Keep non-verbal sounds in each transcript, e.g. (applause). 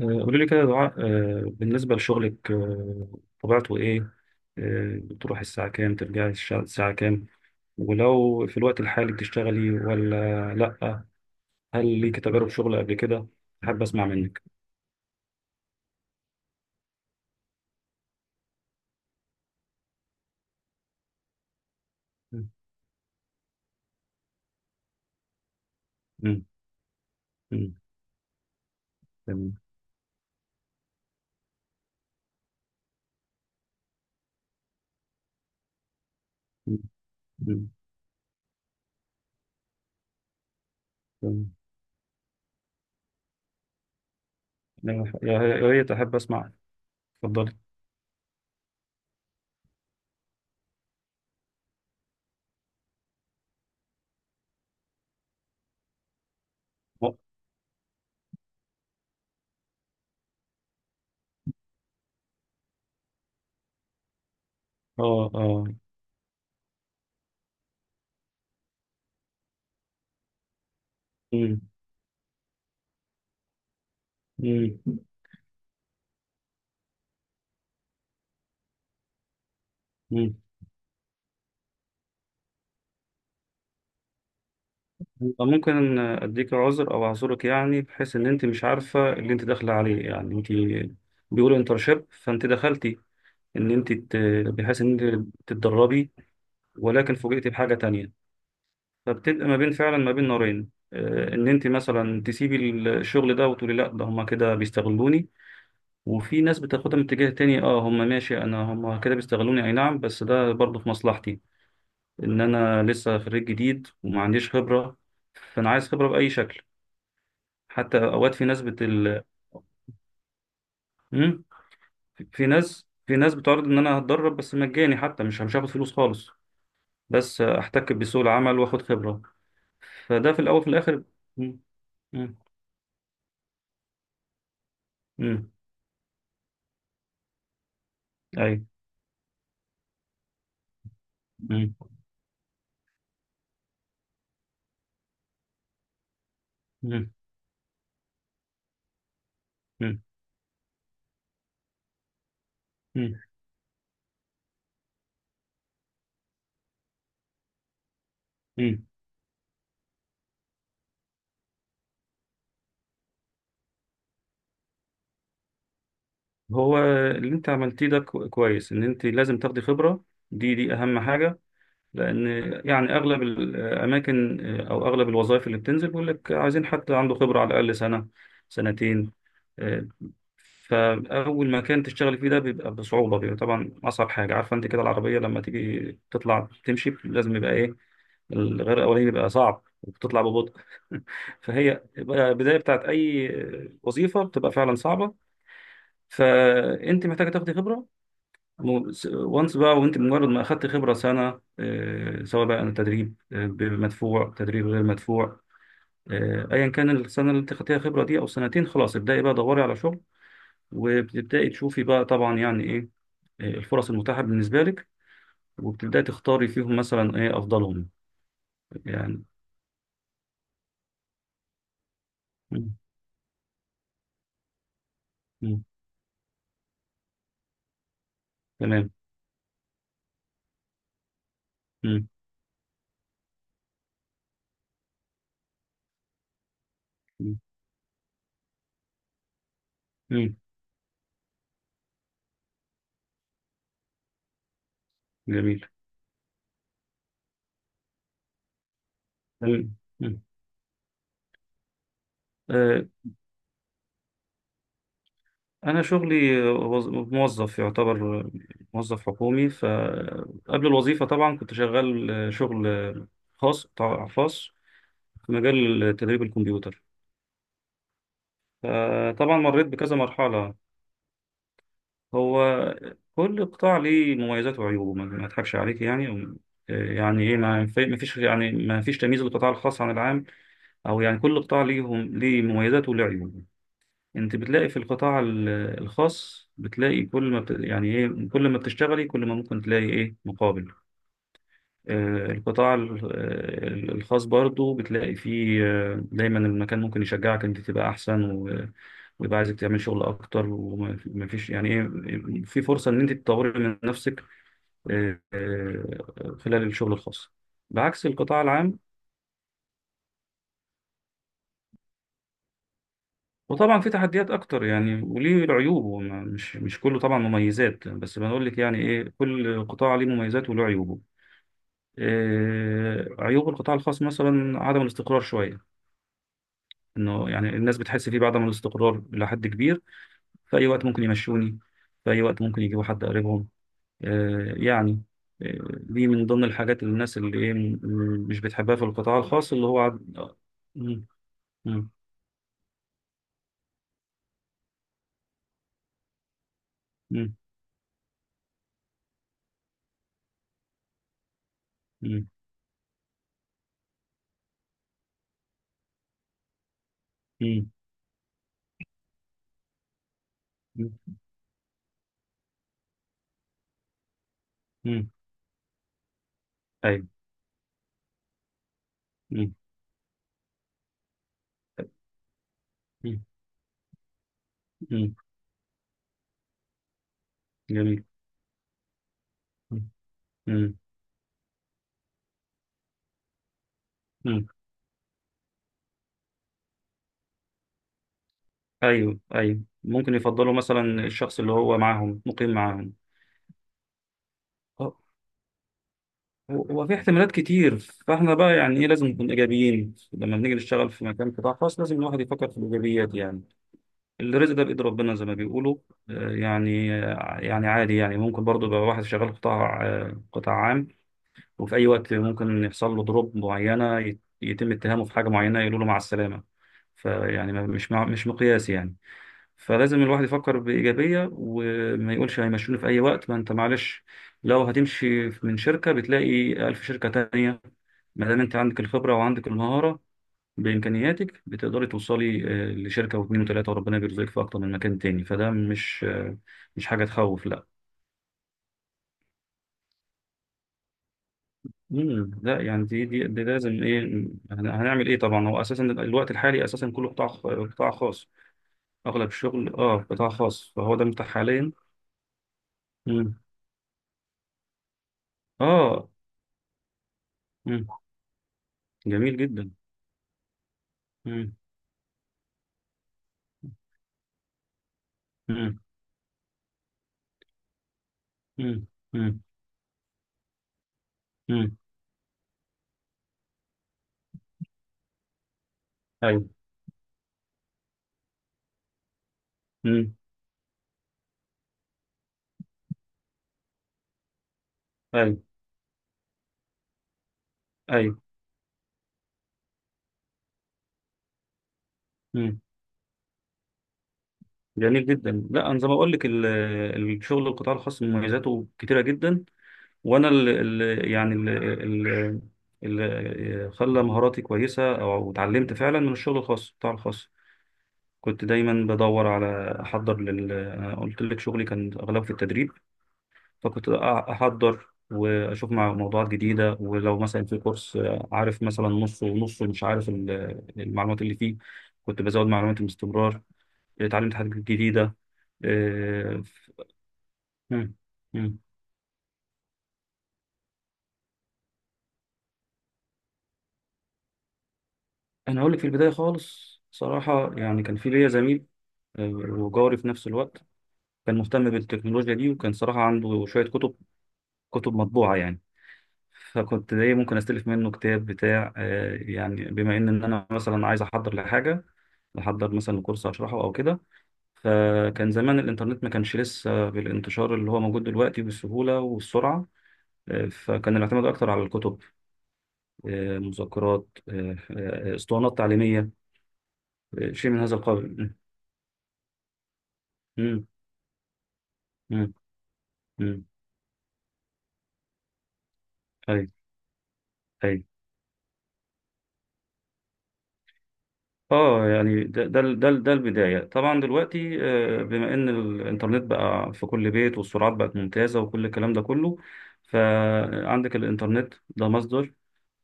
قولي لي كده يا دعاء، بالنسبة لشغلك، طبيعته إيه؟ بتروحي الساعة كام؟ ترجعي الساعة كام؟ ولو في الوقت الحالي بتشتغلي ولا لأ؟ هل ليك تجارب شغل قبل كده؟ حابب أسمع منك. مم. مم. مم. تمام. مم. مم. تمام. يا ريت أحب أسمع. اتفضلي. آه آه. مم. مم. مم. ممكن اديك عذر او اعذرك، يعني بحيث ان انت مش عارفه اللي انت داخله عليه، يعني انت بيقولوا انترشيب فانت دخلتي ان انت ت- بحيث ان انت تتدربي، ولكن فوجئتي بحاجه تانية، فبتبقى ما بين فعلا ما بين نارين، ان انت مثلا تسيبي الشغل ده وتقولي لا ده هما كده بيستغلوني. وفي ناس بتاخدها من اتجاه تاني، اه هما ماشي، انا هما كده بيستغلوني، اي نعم بس ده برضه في مصلحتي ان انا لسه خريج جديد وما عنديش خبره، فانا عايز خبره باي شكل. حتى اوقات في ناس ال... مم؟ في ناس بتعرض ان انا هتدرب بس مجاني، حتى مش هاخد فلوس خالص، بس احتك بسوق العمل واخد خبرة، فده في الاول وفي الاخر. مم. مم. مم. ايوه. مم. مم. مم. مم. مم. هو اللي انت عملتيه ده كويس، ان انت لازم تاخدي خبرة. دي اهم حاجة، لان يعني اغلب الاماكن او اغلب الوظائف اللي بتنزل بيقول لك عايزين حد عنده خبرة على الاقل سنة، سنتين. آه، فأول مكان تشتغلي فيه ده بيبقى بصعوبة، بيبقى طبعا أصعب حاجة. عارفة أنت كده العربية لما تيجي تطلع تمشي لازم يبقى إيه، الغير الأولاني بيبقى صعب وبتطلع ببطء. (laughs) فهي بقى البداية بتاعت أي وظيفة بتبقى فعلا صعبة، فأنت محتاجة تاخدي خبرة. وانس بقى، وأنت مجرد ما أخدت خبرة سنة، سواء بقى تدريب مدفوع تدريب غير مدفوع، أيا كان السنة اللي أنت خدتيها خبرة دي أو سنتين، خلاص ابدأي بقى دوري على شغل. وبتبدأي تشوفي بقى طبعا يعني ايه، الفرص المتاحة بالنسبة لك، وبتبدأي تختاري فيهم مثلا ايه افضلهم يعني. مم. مم. تمام. مم. مم. مم. جميل. تمام. مم. آه، أنا شغلي، موظف يعتبر، موظف حكومي. فقبل الوظيفة طبعا كنت شغال، شغل خاص، طبعاً خاص، في مجال تدريب الكمبيوتر. فطبعا مريت بكذا مرحلة. هو كل قطاع ليه مميزات وعيوبه، ما اضحكش عليك يعني يعني ايه، ما فيش يعني، ما فيش تمييز للقطاع الخاص عن العام، او يعني كل قطاع ليهم ليه مميزاته وليه عيوبه. انت بتلاقي في الخاص، بتلاقي كل ما يعني ايه، كل ما بتشتغلي كل ما ممكن تلاقي ايه مقابل. آه، القطاع ال- الخاص برضو بتلاقي فيه، دايما المكان ممكن يشجعك انت تبقى احسن ويبقى عايزك تعمل شغل اكتر، وما فيش يعني ايه، في فرصة ان انت تطوري من نفسك، خلال الشغل الخاص، بعكس القطاع العام. وطبعا في تحديات اكتر يعني، وليه العيوب، مش كله طبعا مميزات، بس بنقول لك يعني ايه كل قطاع ليه مميزاته وله عيوبه. عيوب القطاع الخاص مثلا عدم الاستقرار شوية، انه يعني الناس بتحس فيه بعدم الاستقرار الى حد كبير. في اي وقت ممكن يمشوني، في اي وقت ممكن يجيبوا حد قريبهم، آه يعني، آه، دي من ضمن الحاجات اللي الناس اللي ايه مش بتحبها في القطاع الخاص، اللي هو مم. مم. مم. مم. مم. مم. مم. ايوه. مم. مم. مم. جميل. مم. مم. مم. ايوه ايوه، ممكن يفضلوا مثلا الشخص اللي هو معاهم مقيم معاهم. أه، هو في احتمالات كتير، فاحنا بقى يعني ايه لازم نكون ايجابيين لما بنيجي نشتغل في مكان قطاع خاص. لازم الواحد يفكر في الايجابيات، يعني الرزق ده بايد ربنا زي ما بيقولوا. يعني يعني عادي، يعني ممكن برضه يبقى واحد شغال قطاع، قطاع عام، وفي اي وقت ممكن يحصل له ضروب معينه، يتم اتهامه في حاجه معينه، يقولوا له مع السلامه. فيعني مش مقياس يعني. فلازم الواحد يفكر بإيجابية، وما يقولش هيمشوني في أي وقت، ما أنت معلش، لو هتمشي من شركة بتلاقي ألف شركة تانية، ما دام أنت عندك الخبرة وعندك المهارة بإمكانياتك بتقدري توصلي لشركة واتنين وتلاتة، وربنا بيرزقك في أكتر من مكان تاني. فده مش مش حاجة تخوف، لا. مم. لا يعني دي لازم إيه، هنعمل إيه. طبعا هو أساسا الوقت الحالي أساسا كله قطاع خاص. أغلب الشغل أه قطاع خاص، فهو ده متاح حاليا. مم. أه، جميل جدا. مم. مم. مم. مم. مم. ايوه. مم. ايوه ايوه. مم. جميل جدا. لا انا زي ما اقول لك الشغل القطاع الخاص مميزاته كتيره جدا. وانا ال يعني ال اللي خلى مهاراتي كويسه، او اتعلمت فعلا من الشغل الخاص القطاع الخاص. كنت دايما بدور على احضر لل، انا قلت لك شغلي كان اغلبه في التدريب. فكنت أحضر وأشوف مع موضوعات جديدة. ولو مثلا في كورس، عارف مثلا نصه ونصه مش عارف المعلومات اللي فيه، كنت بزود معلوماتي باستمرار، اتعلمت حاجات جديدة. آه، ف- مم. مم. أنا أقول لك في البداية خالص صراحة يعني، كان في ليا زميل وجاري في نفس الوقت، كان مهتم بالتكنولوجيا دي، وكان صراحة عنده شوية كتب، كتب مطبوعة يعني. فكنت ايه ممكن استلف منه كتاب بتاع، يعني بما ان إن انا مثلا عايز احضر لحاجه، احضر مثلا كورس هشرحه او كده. فكان زمان الانترنت ما كانش لسه بالانتشار اللي هو موجود دلوقتي بالسهوله والسرعه. فكان الاعتماد اكتر على الكتب، مذكرات، اسطوانات تعليميه، شيء من هذا القبيل. م- م- م. ايوه ايوه، اه يعني ده البدايه طبعا. دلوقتي بما ان الانترنت بقى في كل بيت والسرعات بقت ممتازه وكل الكلام ده كله، فعندك الانترنت ده مصدر،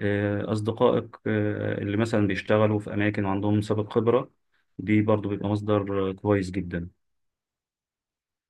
اصدقائك اللي مثلا بيشتغلوا في اماكن وعندهم سابق خبره، دي برضو بيبقى مصدر كويس جدا.